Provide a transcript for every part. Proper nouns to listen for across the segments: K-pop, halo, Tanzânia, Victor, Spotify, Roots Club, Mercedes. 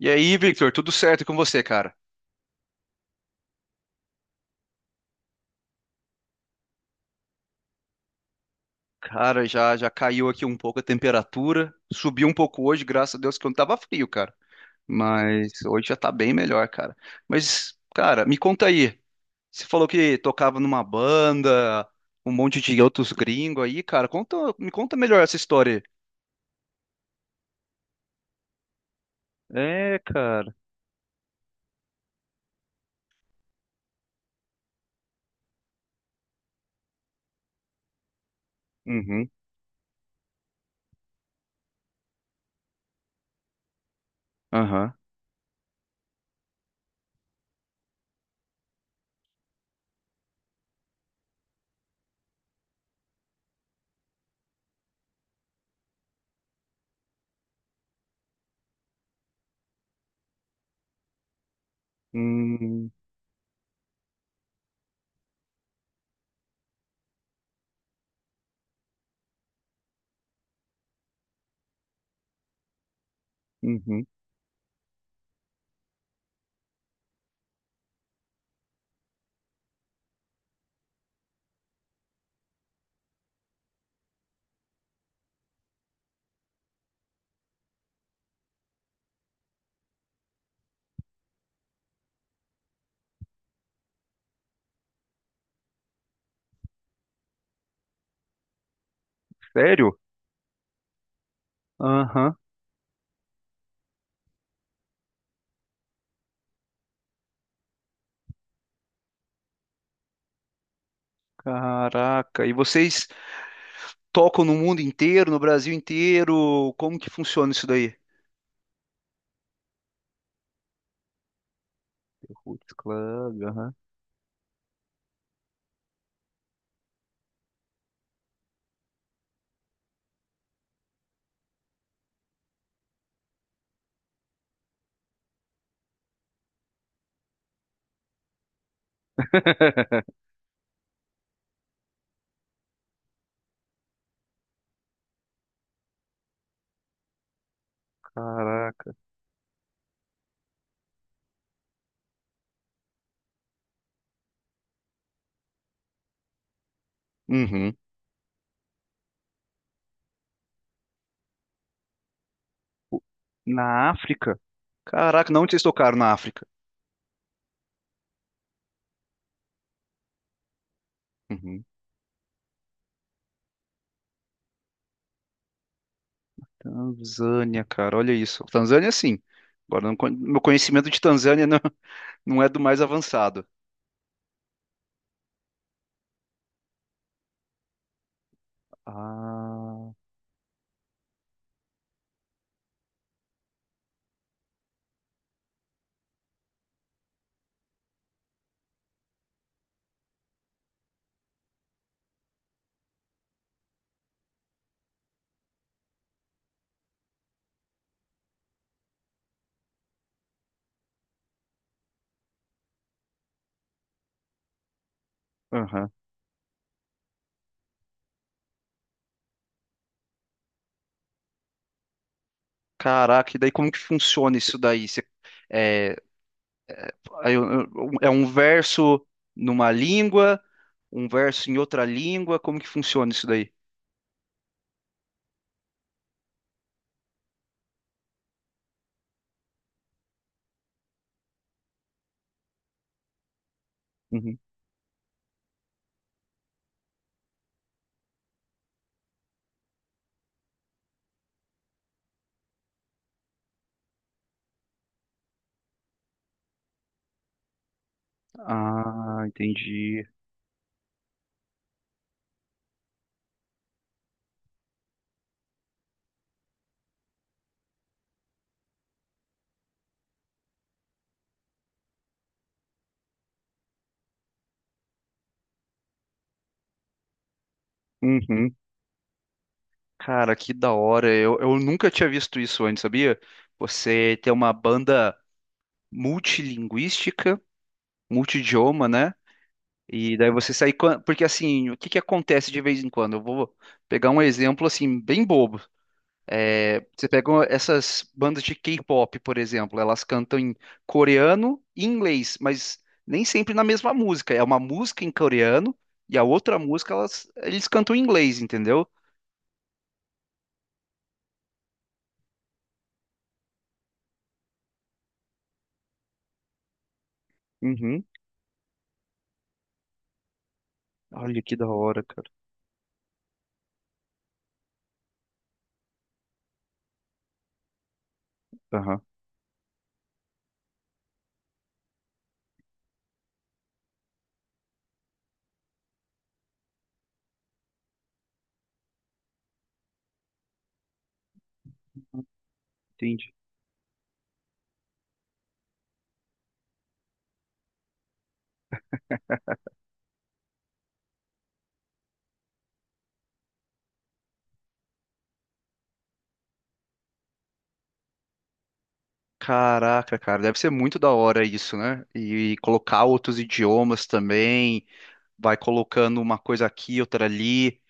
E aí, Victor, tudo certo com você, cara? Cara, já já caiu aqui um pouco a temperatura, subiu um pouco hoje, graças a Deus que não tava frio, cara. Mas hoje já tá bem melhor, cara. Mas, cara, me conta aí. Você falou que tocava numa banda, um monte de outros gringos aí, cara. Conta, me conta melhor essa história. Aí. É, cara. Uhum. Aham. Hum. Uhum. Sério? Aham. Caraca. E vocês tocam no mundo inteiro, no Brasil inteiro? Como que funciona isso daí? Roots Club, aham. Caraca. Uhum. O- Na África? Caraca, não, vocês tocaram na África. Uhum. Tanzânia, cara, olha isso. Tanzânia, sim. Agora, não con- meu conhecimento de Tanzânia não, não é do mais avançado. Ah. Aham. Caraca, e daí como que funciona isso daí? Você, Aí eu- um, é um verso numa língua, um verso em outra língua, como que funciona isso daí? Uhum. Ah, entendi. Uhum. Cara, que da hora. Eu nunca tinha visto isso antes, sabia? Você tem uma banda multilinguística, multidioma, né? E daí você sai Porque assim, o que que acontece de vez em quando? Eu vou pegar um exemplo assim, bem bobo. É, você pegou essas bandas de K-pop, por exemplo, elas cantam em coreano e inglês, mas nem sempre na mesma música. É uma música em coreano e a outra música elas, eles cantam em inglês, entendeu? Uhum. Olha que da hora, cara. Aham, entendi. Caraca, cara, deve ser muito da hora isso, né? E colocar outros idiomas também, vai colocando uma coisa aqui, outra ali.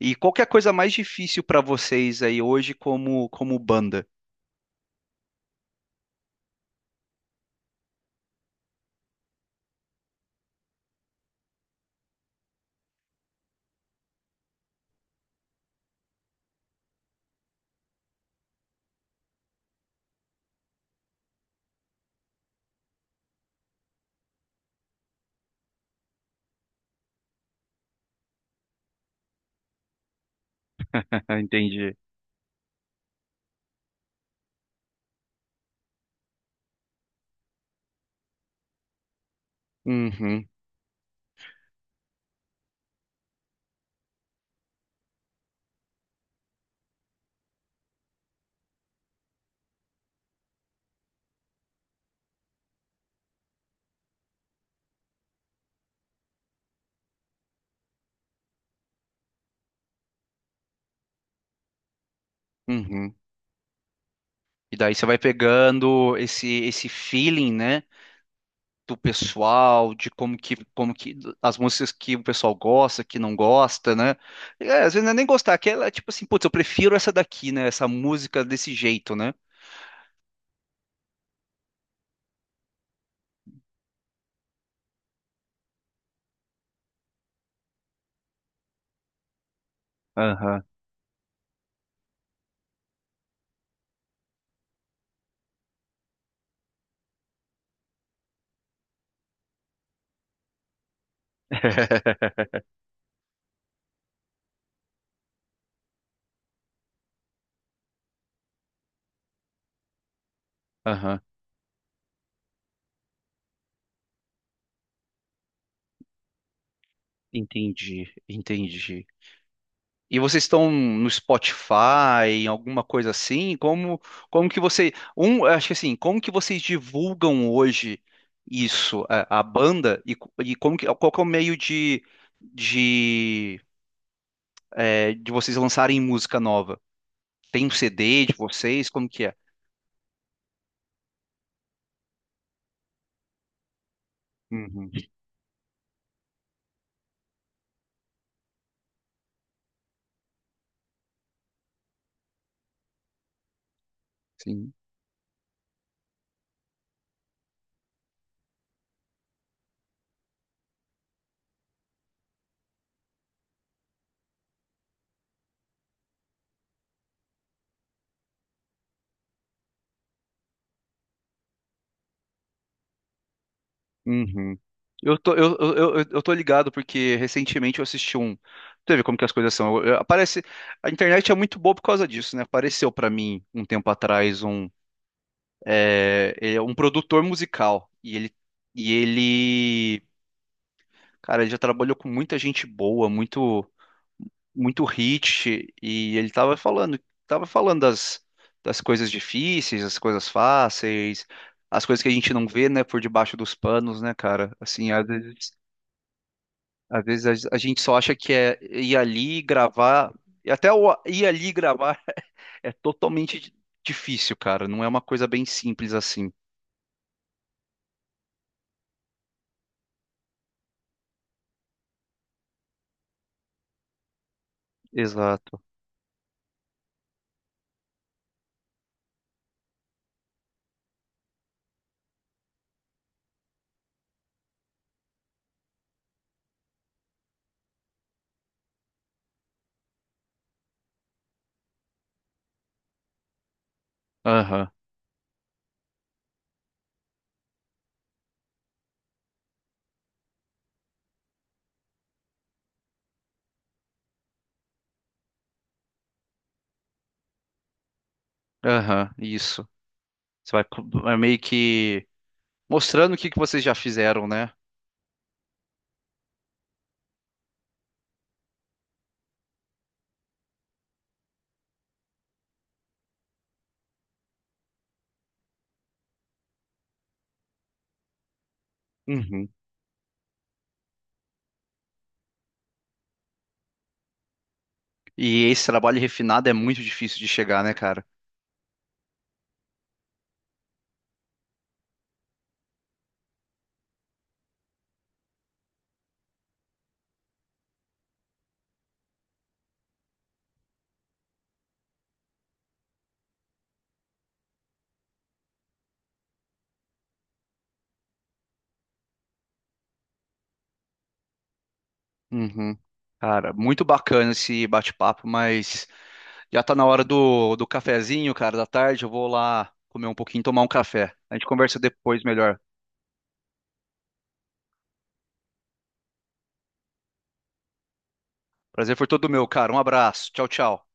E qual que é a coisa mais difícil pra vocês aí hoje como banda? Entendi. Uhum, uhum. E daí você vai pegando esse feeling, né, do pessoal, de como que as músicas que o pessoal gosta, que não gosta, né? É, às vezes não é nem gostar, que ela é tipo assim, putz, eu prefiro essa daqui, né, essa música desse jeito, né? Aham. Aham. Entendi, entendi. E vocês estão no Spotify, em alguma coisa assim? Como, acho que assim, como que vocês divulgam hoje isso, a banda e, e como que, qual que é o meio de, é, de vocês lançarem música nova? Tem um CD de vocês? Como que é? Uhum. Sim. Uhum. Eu tô, eu, eu, eu tô ligado porque recentemente eu assisti um. Tu vê como que as coisas são. Aparece, a internet é muito boa por causa disso, né? Apareceu pra mim um tempo atrás um, é, é um produtor musical e ele, cara, ele já trabalhou com muita gente boa, muito, muito hit e ele tava falando das, das coisas difíceis, as coisas fáceis, as coisas que a gente não vê, né, por debaixo dos panos, né, cara? Assim, às vezes. Às vezes a gente só acha que é ir ali gravar. E até o ir ali gravar é difícil, cara. Não é uma coisa bem simples assim. Exato. Aham, aham, isso. Você vai co- é meio que mostrando o que que vocês já fizeram, né? Uhum. E esse trabalho refinado é muito difícil de chegar, né, cara? Uhum. Cara, muito bacana esse bate-papo, mas já tá na hora do, do cafezinho, cara, da tarde. Eu vou lá comer um pouquinho, tomar um café. A gente conversa depois melhor. Prazer foi todo meu, cara. Um abraço. Tchau, tchau.